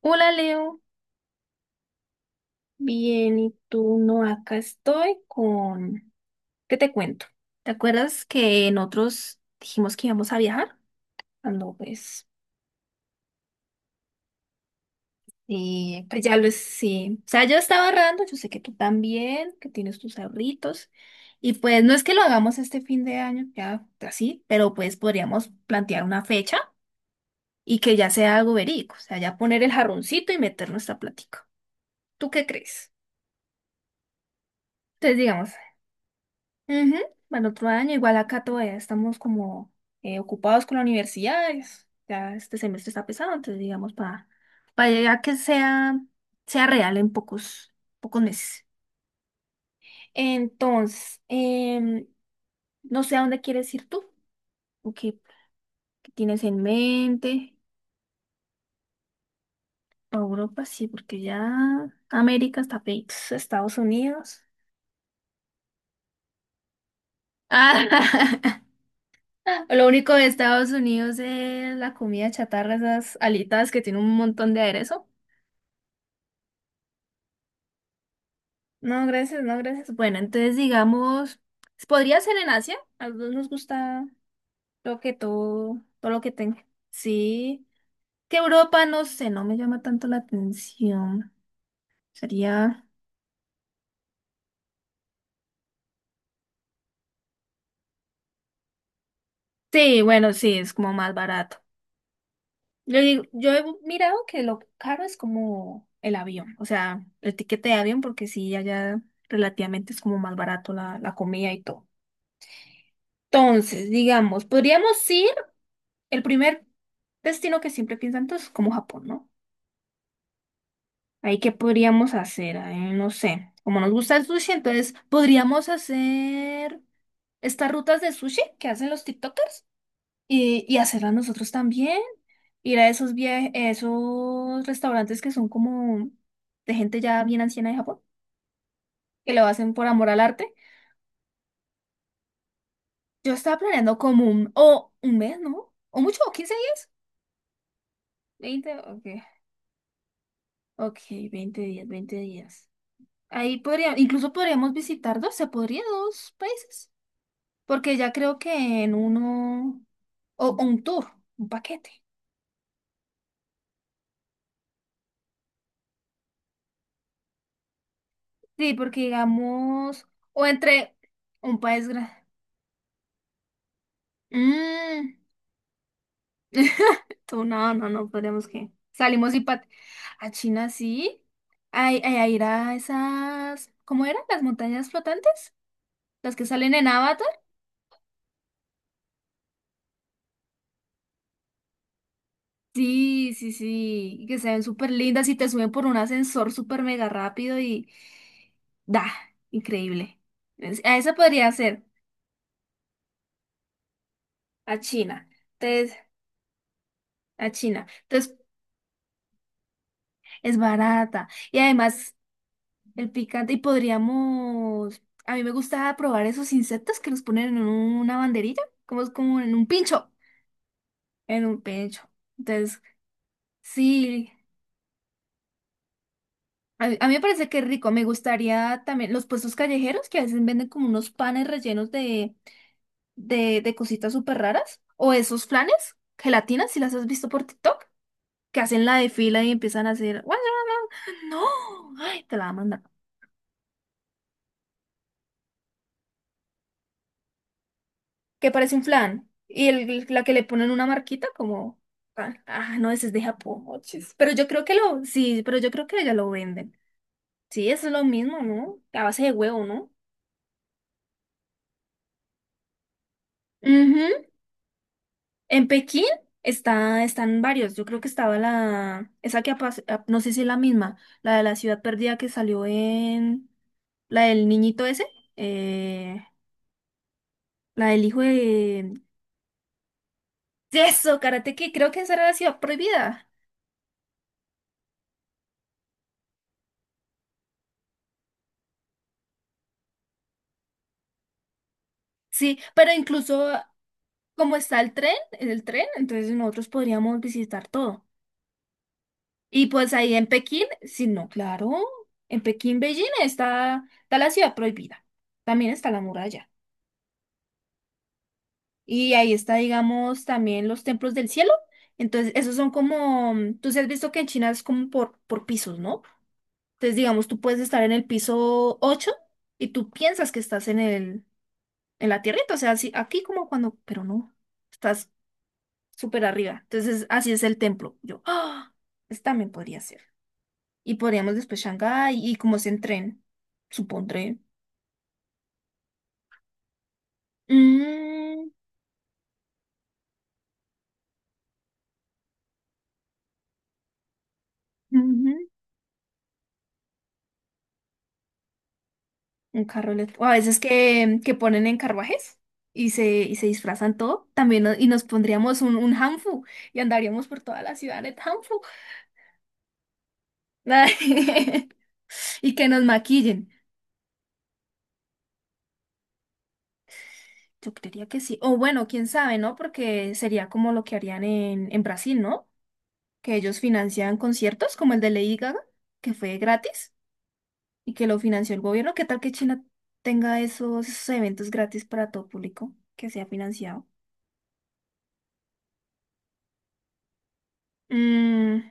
Hola Leo, bien, ¿y tú? No, acá estoy con... ¿Qué te cuento? ¿Te acuerdas que en otros dijimos que íbamos a viajar? Cuando pues, y pues ya lo es, sí. O sea, yo estaba ahorrando, yo sé que tú también, que tienes tus ahorritos. Y pues no es que lo hagamos este fin de año, ya así, pero pues podríamos plantear una fecha y que ya sea algo verídico. O sea, ya poner el jarroncito y meter nuestra plática. ¿Tú qué crees? Entonces, digamos... Ujú, para el otro año, igual acá todavía estamos como ocupados con la universidad, ya este semestre está pesado, entonces digamos para, llegar a que sea, sea real en pocos meses. Entonces, no sé a dónde quieres ir tú, o qué tienes en mente, a Europa sí, porque ya América está Estados Unidos. Lo único de Estados Unidos es la comida chatarra, esas alitas que tiene un montón de aderezo. No, gracias, no, gracias. Bueno, entonces digamos, podría ser en Asia. A los dos nos gusta lo que todo, lo que tenga. Sí, que Europa, no sé, no me llama tanto la atención. Sería... Sí, bueno, sí, es como más barato. Yo digo, yo he mirado que lo caro es como el avión, o sea, el tiquete de avión, porque sí, allá relativamente es como más barato la, comida y todo. Entonces, digamos, podríamos ir el primer destino que siempre piensan todos es como Japón, ¿no? Ahí, ¿qué podríamos hacer? Ay, no sé. Como nos gusta el sushi, entonces podríamos hacer estas rutas de sushi que hacen los TikTokers y hacerlas nosotros también. Ir a esos esos restaurantes que son como de gente ya bien anciana de Japón, que lo hacen por amor al arte. Yo estaba planeando como un, o un mes, ¿no? O mucho, o 15 días. Veinte, ok. Ok, 20 días, 20 días. Ahí podría, incluso podríamos visitar dos, se podría dos países. Porque ya creo que en uno, o, un tour, un paquete. Sí, porque digamos, o entre un país grande. Mm. Tú, no, no, no, podríamos que. Salimos y pat a China sí. a ir a esas, ¿cómo eran? ¿Las montañas flotantes? Las que salen en Avatar. Sí, sí, sí, y que se ven súper lindas y te suben por un ascensor súper mega rápido y da, increíble. A esa podría ser. A China. Entonces, a China. Entonces, es barata. Y además, el picante. Y podríamos. A mí me gusta probar esos insectos que los ponen en una banderilla, como es como en un pincho. En un pincho. Entonces, sí. a mí, me parece que es rico. Me gustaría también los puestos callejeros que a veces venden como unos panes rellenos de cositas súper raras. O esos flanes, gelatinas, si las has visto por TikTok. Que hacen la de fila y empiezan a hacer, no, ay, te la va a mandar, que parece un flan, y el, la que le ponen una marquita como, no, ese es de Japón, ochis. Pero yo creo que lo, sí, pero yo creo que ya lo venden. Sí, eso es lo mismo, ¿no? A base de huevo, ¿no? Ujú. En Pekín está, están varios. Yo creo que estaba la, esa que no sé si es la misma, la de la ciudad perdida que salió en, la del niñito ese, eh, la del hijo de, eso, Karate Kid, creo que esa era la ciudad prohibida. Sí, pero incluso como está el tren, entonces nosotros podríamos visitar todo. Y pues ahí en Pekín, sí, no, claro, en Pekín, Beijing está, está la ciudad prohibida. También está la muralla. Y ahí está, digamos, también los templos del cielo. Entonces, esos son como, mm, tú sí has visto que en China es como por pisos, ¿no? Entonces, digamos, tú puedes estar en el piso 8 y tú piensas que estás en el, en la tierrita, o sea, así, aquí como cuando, pero no, estás súper arriba. Entonces, así es el templo. Yo, ah, esta también podría ser. Y podríamos después Shanghái y como es en tren, supondré. Mm, ujú, un carro eléctrico. O a veces que, ponen en carruajes y se disfrazan todo. También y nos pondríamos un hanfu y andaríamos por toda la ciudad en hanfu. Y que nos maquillen. Yo creería que sí. O bueno, quién sabe, ¿no? Porque sería como lo que harían en, Brasil, ¿no? Que ellos financian conciertos como el de Lady Gaga, que fue gratis y que lo financió el gobierno. ¿Qué tal que China tenga esos eventos gratis para todo público que sea financiado? Mm,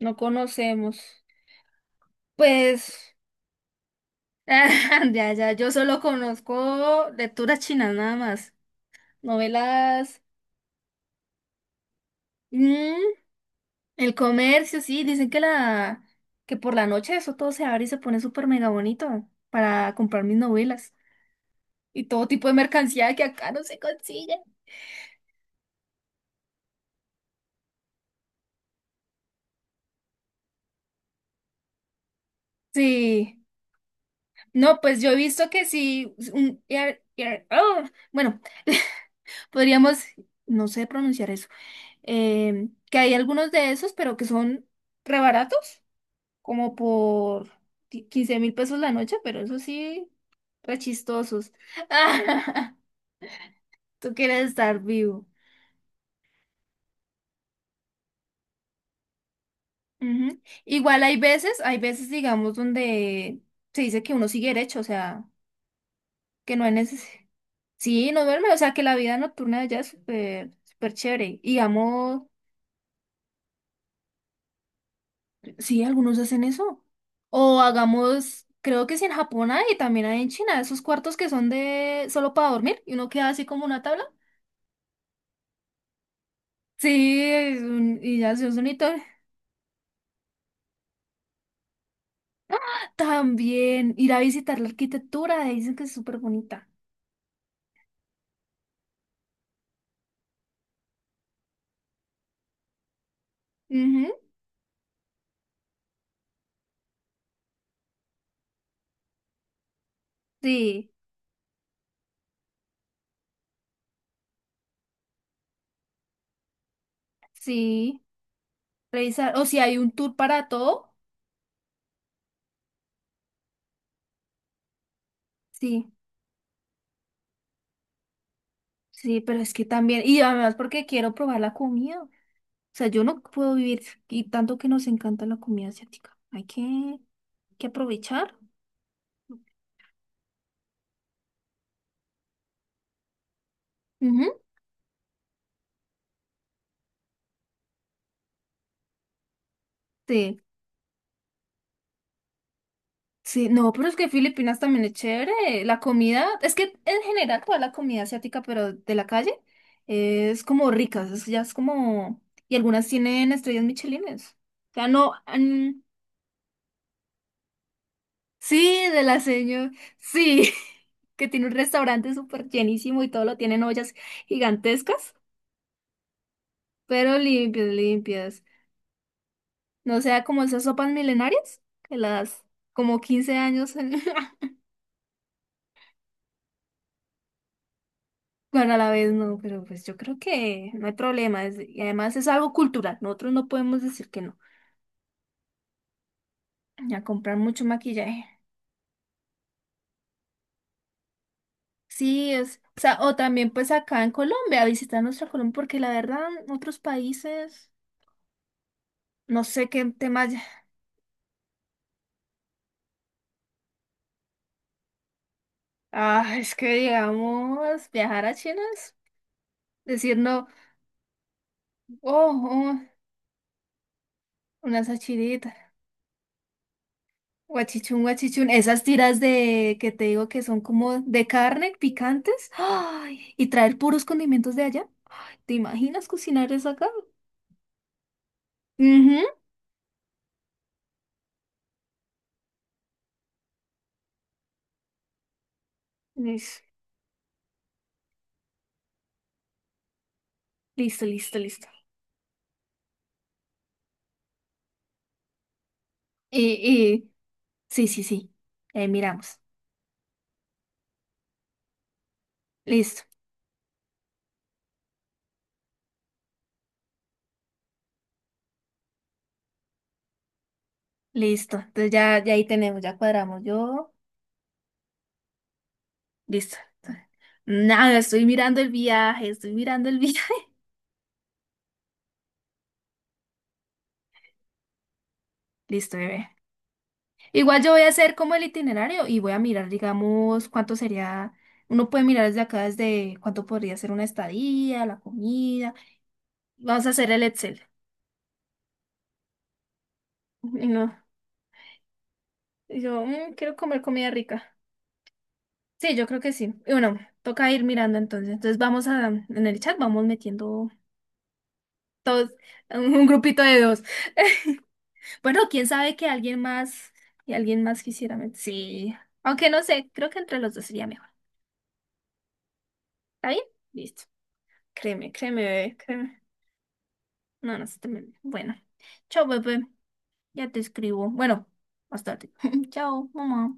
no conocemos. Pues, ya, ya, yo solo conozco lecturas chinas nada más. Novelas. Mm, el comercio, sí, dicen que la que por la noche eso todo se abre y se pone súper mega bonito para comprar mis novelas y todo tipo de mercancía que acá no se consigue. Sí. No, pues yo he visto que sí oh, bueno, podríamos, no sé pronunciar eso, que hay algunos de esos, pero que son rebaratos, como por 15.000 pesos la noche, pero eso sí, re chistosos. ¿Tú quieres estar vivo? Ujú. Igual hay veces, digamos, donde se dice que uno sigue derecho, o sea, que no hay necesidad. Sí, no duerme, o sea, que la vida nocturna de allá es súper, súper chévere. Y digamos, sí, algunos hacen eso. O hagamos, creo que sí en Japón hay, y también hay en China, esos cuartos que son de solo para dormir, y uno queda así como una tabla. Sí, es y ya se hace un hito. También ir a visitar la arquitectura, dicen que es súper bonita. Ujú, sí, sí. Revisar, o si hay un tour para todo. Sí, sí, pero es que también, y además porque quiero probar la comida. O sea, yo no puedo vivir, y tanto que nos encanta la comida asiática. Hay que aprovechar. Ujú, sí, sí, no, pero es que Filipinas también es chévere. La comida, es que en general toda la comida asiática, pero de la calle, es como rica, ya es como, y algunas tienen estrellas michelines. O sea, no, mm, sí, de la señora. Sí, que tiene un restaurante súper llenísimo y todo lo tienen ollas gigantescas, pero limpias, limpias. No sea como esas sopas milenarias, que las como 15 años. Bueno, a la vez no, pero pues yo creo que no hay problema. Y además es algo cultural. Nosotros no podemos decir que no. Y a comprar mucho maquillaje. Sí, es. O sea, o también pues acá en Colombia, visitar nuestra Colombia, porque la verdad, otros países, no sé qué temas. Ah, es que digamos, viajar a China es decir no, oh, oh, una sachirita, guachichún, guachichún, esas tiras de que te digo que son como de carne, picantes, ay, y traer puros condimentos de allá. ¿Te imaginas cocinar eso acá? Mhm. Listo, listo, listo, listo. Y, y, sí, sí, sí, ahí miramos. Listo, listo. Entonces ya, ya ahí tenemos, ya cuadramos. Yo, listo. Nada, estoy mirando el viaje, estoy mirando el viaje. Listo, bebé. Igual yo voy a hacer como el itinerario y voy a mirar, digamos, cuánto sería, uno puede mirar desde acá, desde cuánto podría ser una estadía, la comida. Vamos a hacer el Excel. Y no, y yo "Mm, quiero comer comida rica". Sí, yo creo que sí. Y bueno, toca ir mirando entonces. Entonces vamos a, en el chat vamos metiendo todos, un grupito de dos. Bueno, quién sabe que alguien más, y alguien más quisiera sí, aunque no sé, creo que entre los dos sería mejor. ¿Está bien? Listo. Créeme, créeme, bebé, créeme. No, no se te me... Bueno, chao, bebé. Ya te escribo. Bueno, más tarde. Chao, mamá.